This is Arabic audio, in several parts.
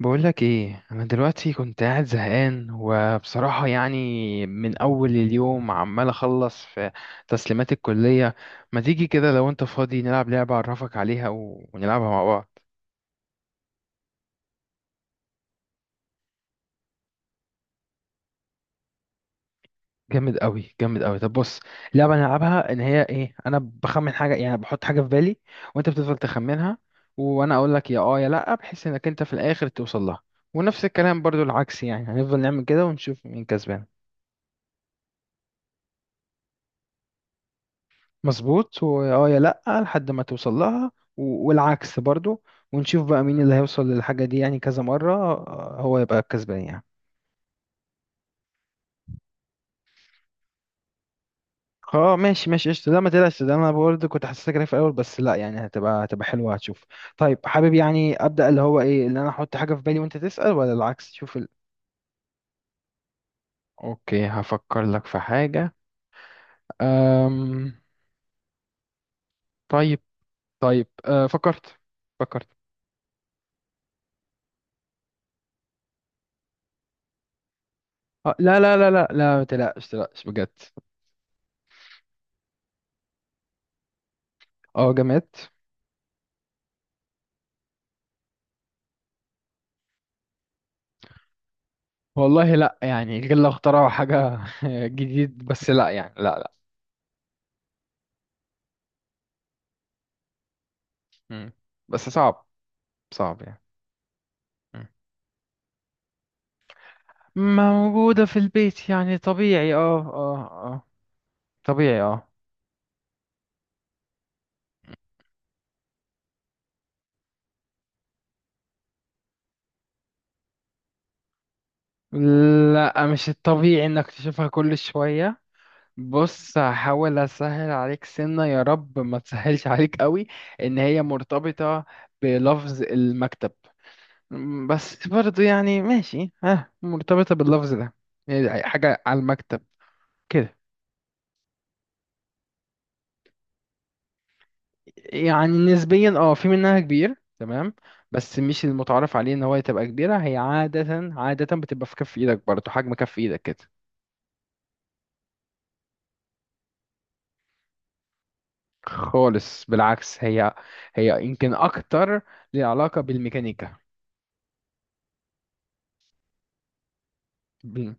بقولك ايه؟ انا دلوقتي كنت قاعد زهقان، وبصراحة يعني من اول اليوم عمال اخلص في تسليمات الكلية. ما تيجي كده لو انت فاضي نلعب لعبة، اعرفك عليها ونلعبها مع بعض. جامد قوي، جامد قوي. طب بص، اللعبة نلعبها ان هي ايه، انا بخمن حاجة، يعني بحط حاجة في بالي، وانت بتفضل تخمنها. وانا اقول لك يا اه يا لا، بحيث انك انت في الاخر توصل لها. ونفس الكلام برضو العكس، يعني هنفضل نعمل كده ونشوف مين كسبان. مظبوط، واه يا لأ لحد ما توصل لها، والعكس برضو. ونشوف بقى مين اللي هيوصل للحاجة دي. يعني كذا مرة هو يبقى الكسبان يعني. اه ماشي، ماشي قشطة. لا ما تقلقش، ده انا برضه كنت حاسسها كده في الاول، بس لا، يعني هتبقى حلوة، هتشوف. طيب، حابب يعني ابدأ، اللي هو ايه اللي انا احط حاجة في بالي وانت تسأل، ولا العكس؟ شوف اوكي، هفكر لك في حاجة. أم... طيب. طيب، فكرت. فكرت. لا لا لا لا لا، ما تقلقش، ما تقلقش بجد. اه، جماد. والله لا، يعني غير لو اخترعوا حاجة جديد، بس لا يعني، لا لا. مم. بس صعب. صعب يعني. مم. موجودة في البيت، يعني طبيعي، اه اه. اه. طبيعي اه. لا، مش الطبيعي انك تشوفها كل شوية. بص، هحاول اسهل عليك سنة يا رب ما تسهلش عليك قوي. ان هي مرتبطة بلفظ المكتب. بس برضو يعني ماشي ها، مرتبطة باللفظ ده. يعني حاجة على المكتب. كده. يعني نسبيا اه، في منها كبير تمام، بس مش المتعارف عليه ان هو تبقى كبيرة، هي عادة عادة بتبقى في كف ايدك، برضه حجم كف ايدك كده. خالص، بالعكس. هي هي يمكن اكتر ليها علاقة بالميكانيكا. بال...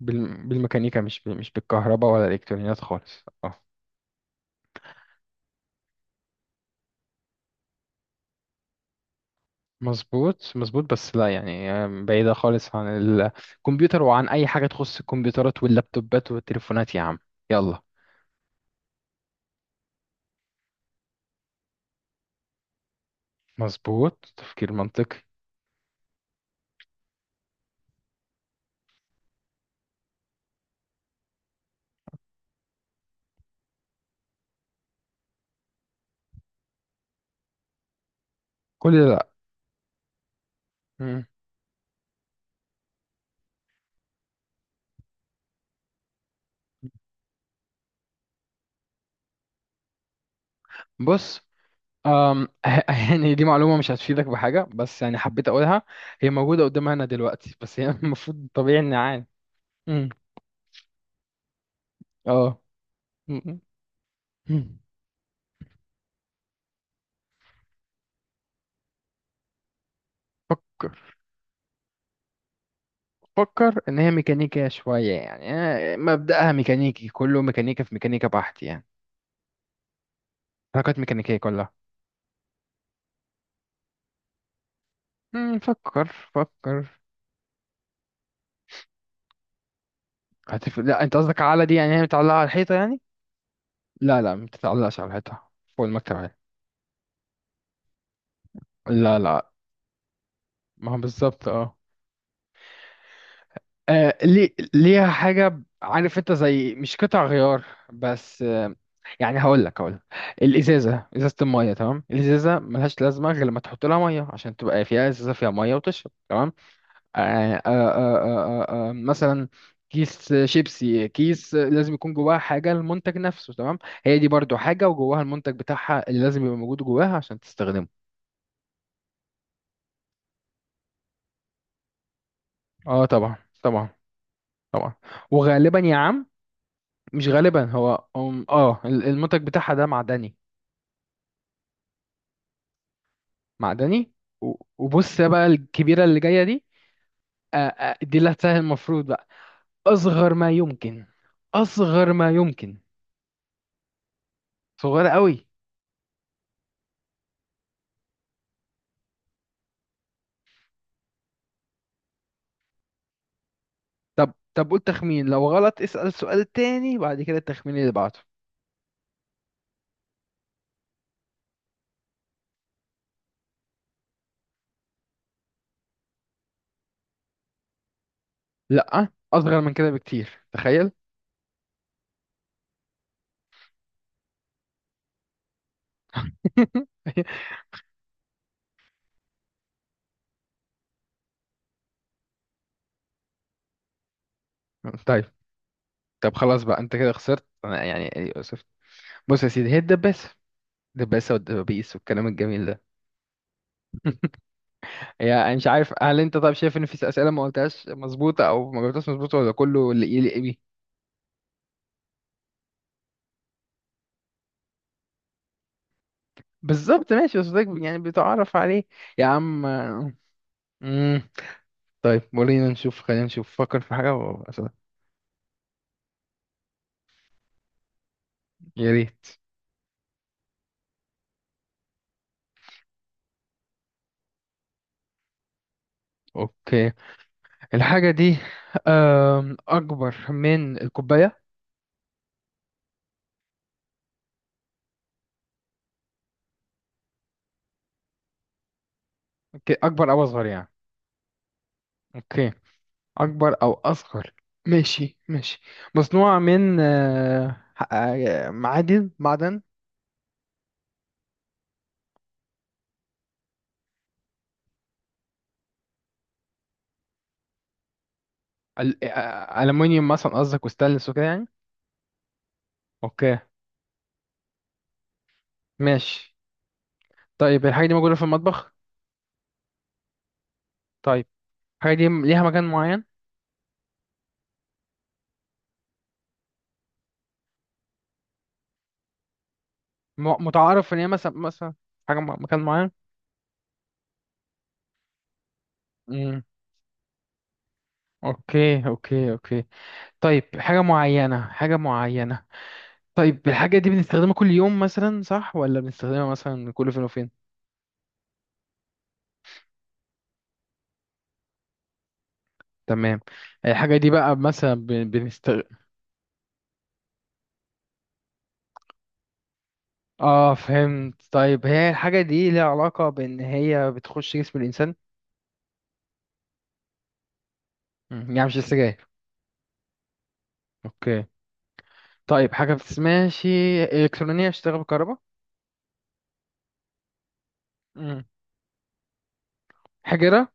بالميكانيكا، مش بالكهرباء ولا الالكترونيات خالص، اه. مظبوط مظبوط، بس لا يعني، بعيدة خالص عن الكمبيوتر وعن اي حاجة تخص الكمبيوترات واللابتوبات والتليفونات يا عم. يلا. مظبوط، تفكير منطقي. كل ده؟ لا. بص. أم يعني دي معلومة مش هتفيدك بحاجة، بس يعني حبيت أقولها. هي موجودة قدامنا أنا دلوقتي، بس هي المفروض طبيعي إن عادي. أمم. اه. أمم. أمم. فكر. فكر إن هي ميكانيكية شوية، يعني مبدأها ميكانيكي، كله ميكانيكا في ميكانيكا بحت يعني. حركات ميكانيكية كلها. فكر. فكر. لا، أنت قصدك على دي يعني هي متعلقة على الحيطة يعني؟ لا لا، ما بتتعلقش على الحيطة. فوق المكتب عادي. لا لا، ما هو بالظبط اه. ليه ليها حاجة، عارف انت زي مش قطع غيار، بس يعني هقول لك ازازة المية. تمام، الازازة ملهاش لازمة غير لما تحط لها مية، عشان تبقى فيها ازازة، فيها مية وتشرب. تمام. مثلا كيس شيبسي، كيس لازم يكون جواها حاجة، المنتج نفسه. تمام، هي دي برضو حاجة وجواها المنتج بتاعها اللي لازم يبقى موجود جواها عشان تستخدمه. اه طبعا. طبعا. طبعا. وغالبا يا عم، مش غالبا، هو المنتج بتاعها ده معدني. معدني. وبص يا بقى، الكبيرة اللي جاية دي. دي اللي هتسهل المفروض بقى. أصغر ما يمكن. أصغر ما يمكن. صغيرة قوي. طب طب، قول تخمين، لو غلط اسأل سؤال تاني بعد كده التخمين اللي بعده. لأ، أصغر من كده بكتير، تخيل. طيب. طب خلاص بقى، أنت كده خسرت أنا يعني. أسف. بص يا سيدي، هي الدباسة. الدباسة والدبابيس والكلام الجميل ده. يعني مش عارف، هل انت طب شايف ان في اسئله ما قلتهاش مظبوطه او ما جاوبتهاش مظبوطه، ولا كله اللي يليق بيه؟ بالظبط، ماشي، بس ده يعني بتعرف عليه. يا عم. مم. طيب، ولينا نشوف خلينا نشوف، فكر في حاجه وأسألك. يا ريت. اوكي. الحاجه دي اكبر من الكوبايه. اوكي، اكبر او اصغر يعني. اوكي. اكبر او اصغر. ماشي، ماشي. مصنوعه من معدن. ألمونيوم مثلا قصدك، وستانلس وكده يعني. اوكي. ماشي. طيب، الحاجة دي موجودة في المطبخ. طيب، الحاجة دي ليها مكان معين. متعارف ان هي مثلا، مثلا حاجة مكان معين. امم. اوكي، اوكي، اوكي. طيب حاجة معينة، حاجة معينة. طيب، الحاجة دي بنستخدمها كل يوم مثلا، صح؟ ولا بنستخدمها مثلا كل فين وفين؟ تمام. الحاجة دي بقى مثلا بنستخدم. اه، فهمت. طيب هي الحاجة دي ليها علاقة بان هي بتخش جسم الانسان؟ يعني مش السجاير. اوكي. طيب، حاجة ما بتسمعش، إلكترونية، اشتغل بالكهرباء. مم. حجرة.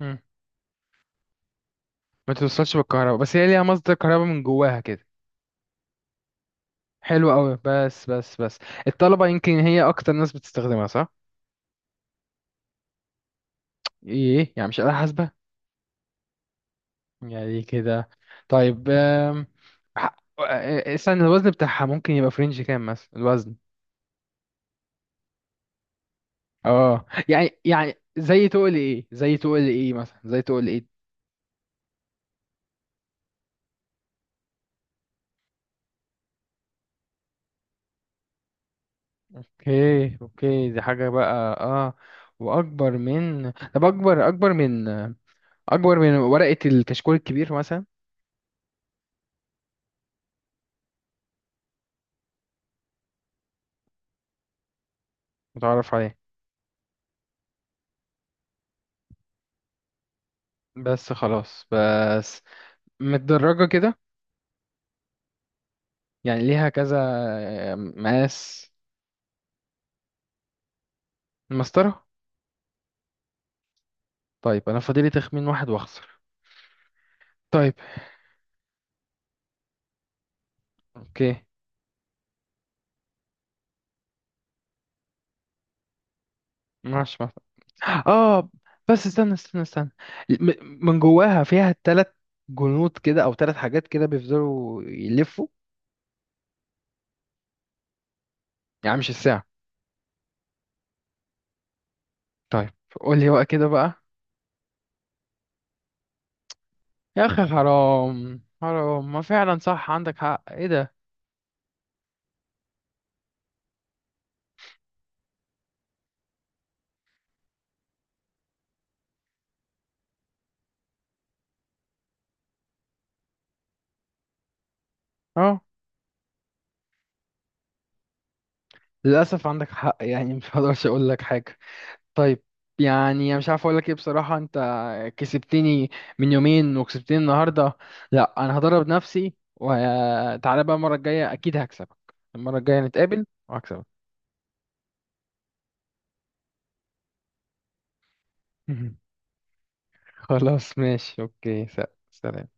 مم. ما توصلش بالكهرباء، بس هي ليها مصدر كهرباء من جواها كده. حلو قوي. بس، بس، بس، الطلبة يمكن هي أكتر ناس بتستخدمها، صح؟ إيه، يعني مش آلة حاسبة؟ يعني كده. طيب آم، ح- آه، استنى، الوزن بتاعها ممكن يبقى فرنج كام مثلا الوزن؟ اه، يعني زي تقول ايه زي تقول ايه مثلا زي تقول ايه. اوكي، اوكي، دي حاجة بقى. اه. واكبر من، طب، اكبر من ورقة الكشكول الكبير مثلا. متعرف عليه. بس خلاص، بس متدرجة كده. يعني ليها كذا مقاس. المسطرة. طيب، انا فاضلي تخمين واحد واخسر. طيب. اوكي. ماشي ماشي، اه. بس استنى، استنى، استنى من جواها فيها تلات جنود كده، او تلات حاجات كده بيفضلوا يلفوا. يعني مش الساعة. طيب، قول لي بقى كده بقى. يا اخي حرام، حرام، ما فعلا صح، عندك حق، ايه ده. اه. للاسف عندك حق، يعني مش هقدرش اقول لك حاجه. طيب. يعني انا مش عارف اقول لك ايه بصراحه، انت كسبتني. من يومين وكسبتني النهارده. لا انا هدرب نفسي، وتعالى بقى المره الجايه اكيد هكسبك. المره الجايه نتقابل وهكسبك. خلاص، ماشي، اوكي، سلام.